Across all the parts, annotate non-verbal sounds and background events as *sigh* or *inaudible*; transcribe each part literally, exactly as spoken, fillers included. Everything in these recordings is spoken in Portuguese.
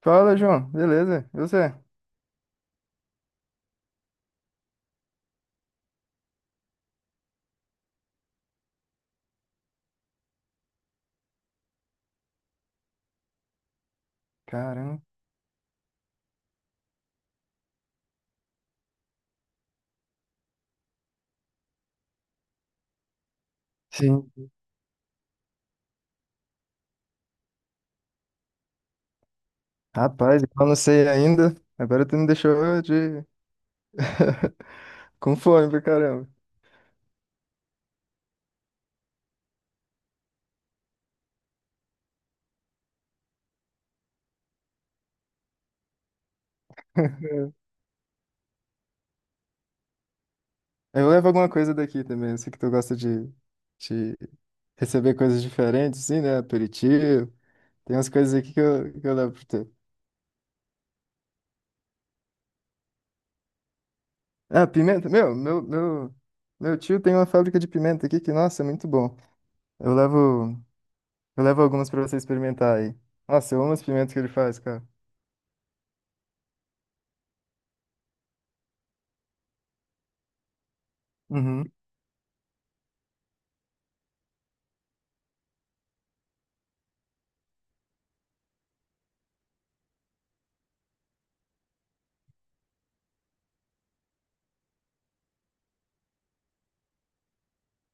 Fala, João. Beleza? E você? Caramba. Sim. Rapaz, eu não sei ainda. Agora tu me deixou de... *laughs* com fome pra caramba. *laughs* Eu levo alguma coisa daqui também. Eu sei que tu gosta de, de receber coisas diferentes, assim, né? Aperitivo. Tem umas coisas aqui que eu, que eu levo pra tu. Ah, pimenta. Meu, meu, meu, meu tio tem uma fábrica de pimenta aqui que, nossa, é muito bom. Eu levo, eu levo algumas pra você experimentar aí. Nossa, eu amo as pimentas que ele faz, cara. Uhum.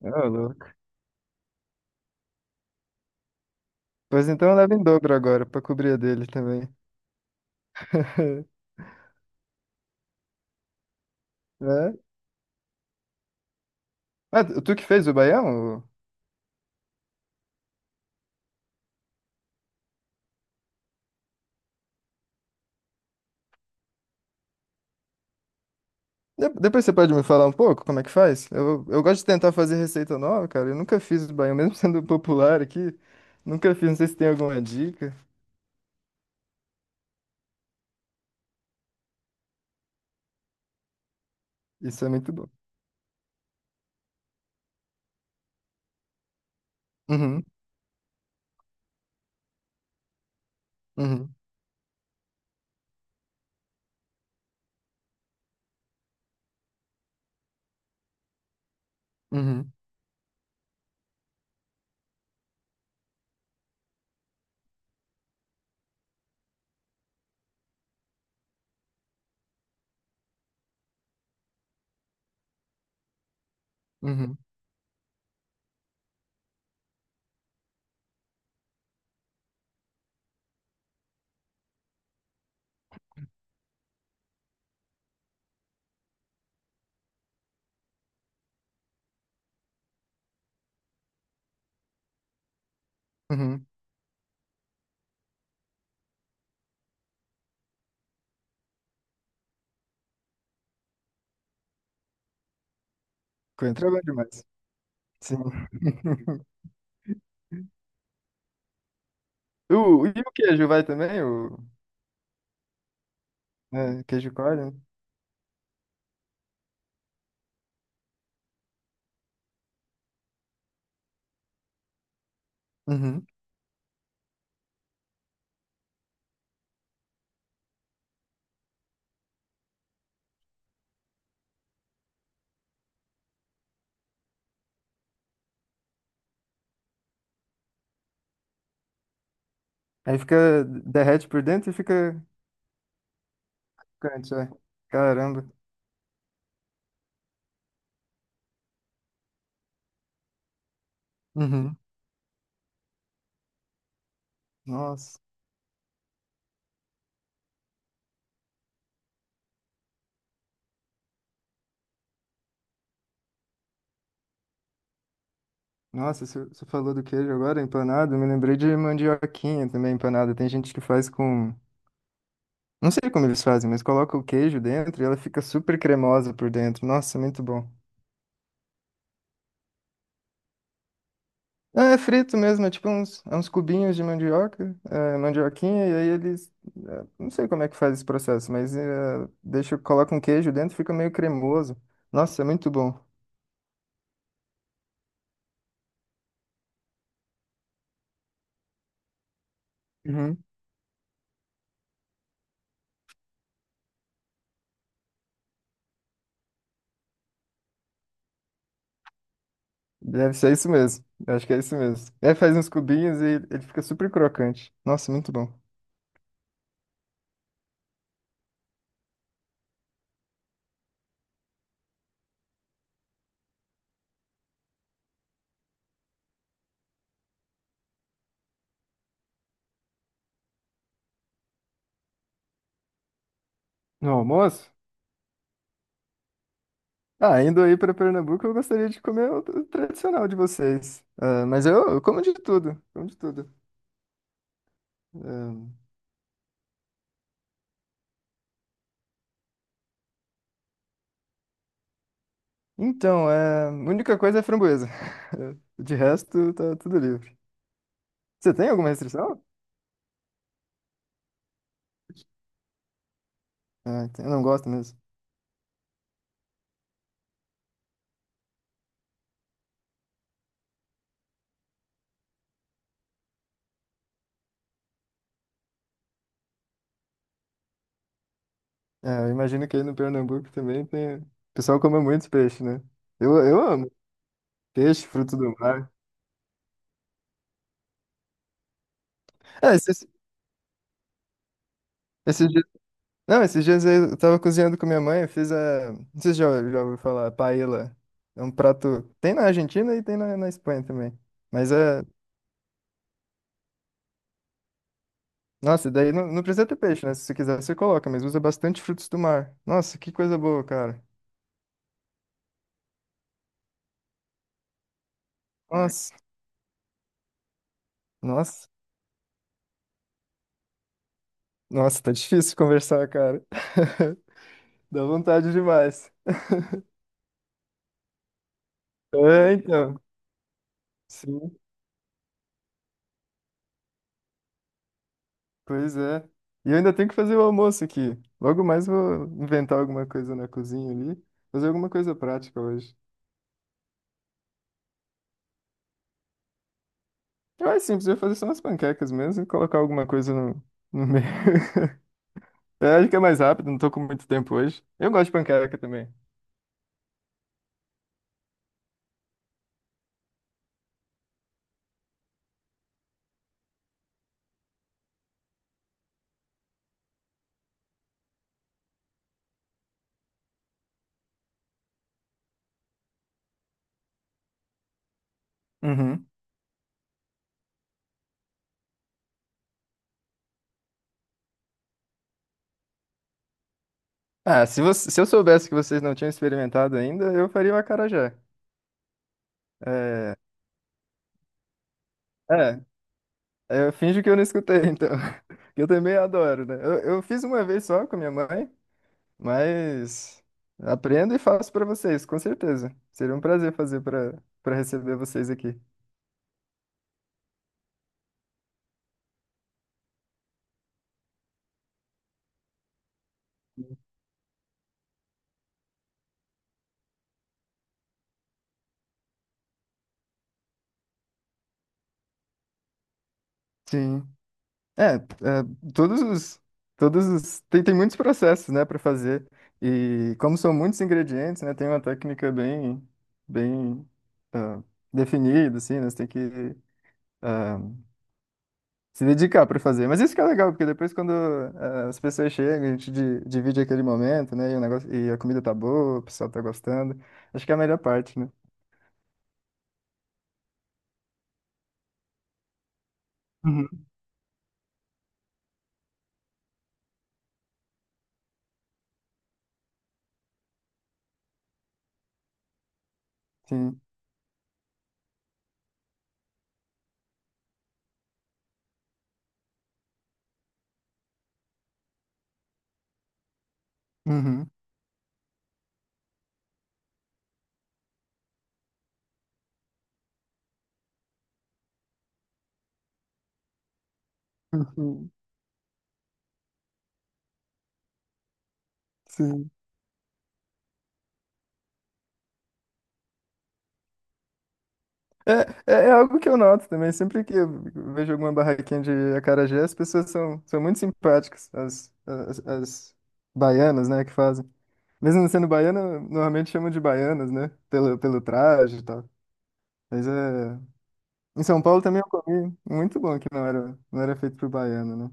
Ah, louco. Pois então leva em dobro agora, pra cobrir a dele também. *laughs* Né? Ah, tu que fez o baião? De- Depois você pode me falar um pouco como é que faz? Eu, eu gosto de tentar fazer receita nova, cara. Eu nunca fiz o baião, mesmo *laughs* sendo popular aqui. Nunca fiz, não sei se tem alguma dica. Isso é muito bom. Uhum, uhum, uhum, uhum, uhum. Coentro é bom demais. Sim. *laughs* O, e o queijo vai também? O, né, queijo coalho, né? Uhum. Aí fica, derrete por dentro e fica crocante, é. Caramba. Uhum. Nossa, nossa, você você falou do queijo agora, empanado, eu me lembrei de mandioquinha também empanada. Tem gente que faz com, não sei como eles fazem, mas coloca o queijo dentro e ela fica super cremosa por dentro. Nossa, muito bom. É, é frito mesmo, é tipo uns, é uns cubinhos de mandioca, é, mandioquinha, e aí eles, é, não sei como é que faz esse processo, mas é, deixa, coloca um queijo dentro, fica meio cremoso. Nossa, é muito bom. Deve ser isso mesmo. Eu acho que é isso mesmo. Aí faz uns cubinhos e ele fica super crocante. Nossa, muito bom. No almoço? Ah, indo aí para Pernambuco, eu gostaria de comer o o tradicional de vocês. Ah, mas eu, eu como de tudo, como de tudo. Ah, então, é, a única coisa é framboesa. *laughs* De resto, tá tudo livre. Você tem alguma restrição? Ah, ent- eu não gosto mesmo. É, eu imagino que aí no Pernambuco também tem... O pessoal come muito peixe, né? Eu, eu amo peixe, fruto do mar. É, esses, esses Não, esses dias aí eu tava cozinhando com minha mãe, eu fiz a. Não sei se já, já ouviu falar, paella. É um prato. Tem na Argentina e tem na, na Espanha também. Mas é. Nossa, daí não, não precisa ter peixe, né? Se você quiser, você coloca, mas usa bastante frutos do mar. Nossa, que coisa boa, cara. Nossa, nossa, nossa, tá difícil conversar, cara. *laughs* Dá vontade demais. *laughs* É, então. Sim. Pois é. E eu ainda tenho que fazer o almoço aqui. Logo mais vou inventar alguma coisa na cozinha ali. Fazer alguma coisa prática hoje. Eu acho simples, eu vou fazer só umas panquecas mesmo e colocar alguma coisa no, no meio. *laughs* Eu acho que é mais rápido, não tô com muito tempo hoje. Eu gosto de panqueca também. Uhum. Ah, se você, se eu soubesse que vocês não tinham experimentado ainda, eu faria o acarajé. É, é, eu finjo que eu não escutei, então. *laughs* Que eu também adoro, né? Eu, eu fiz uma vez só com a minha mãe. Mas aprendo e faço para vocês, com certeza. Seria um prazer fazer para para receber vocês aqui. Sim. É, é, todos os todos os tem, tem muitos processos, né, para fazer. E como são muitos ingredientes, né, tem uma técnica bem bem ah, definida assim, né, você tem que ah, se dedicar para fazer. Mas isso que é legal, porque depois quando ah, as pessoas chegam, a gente di- divide aquele momento, né, e o negócio e a comida tá boa, o pessoal tá gostando. Acho que é a melhor parte, né? Sim. Uhum. Uhum. Sim. É, é, é algo que eu noto também. Sempre que eu vejo alguma barraquinha de acarajé, as pessoas são, são muito simpáticas, as, as, as baianas, né, que fazem. Mesmo não sendo baiana, normalmente chamam de baianas, né, pelo, pelo traje e tal. Mas é... Em São Paulo também eu comi muito bom, que não era, não era feito por baiano, né.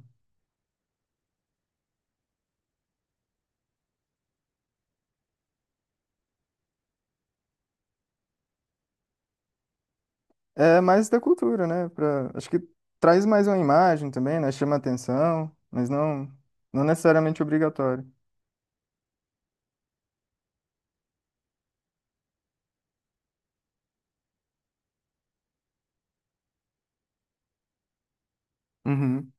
É mais da cultura, né, pra... Acho que traz mais uma imagem também, né, chama atenção, mas não, não necessariamente obrigatório. Uhum.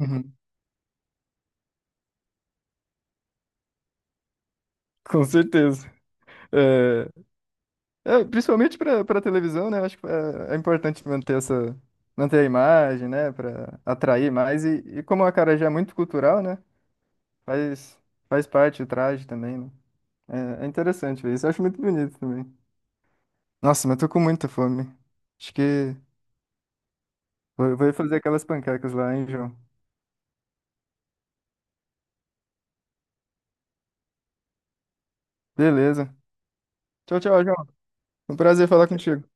Uhum. Com certeza. É, é, principalmente para para televisão, né? Acho que é, é importante manter essa manter a imagem, né? Para atrair mais e, e como o acarajé é muito cultural, né? Faz faz parte o traje também, né? É, é interessante ver isso. Eu acho muito bonito também. Nossa, mas tô com muita fome. Acho que vou, vou fazer aquelas panquecas lá, hein, João? Beleza. Tchau, tchau, João. Foi um prazer falar contigo.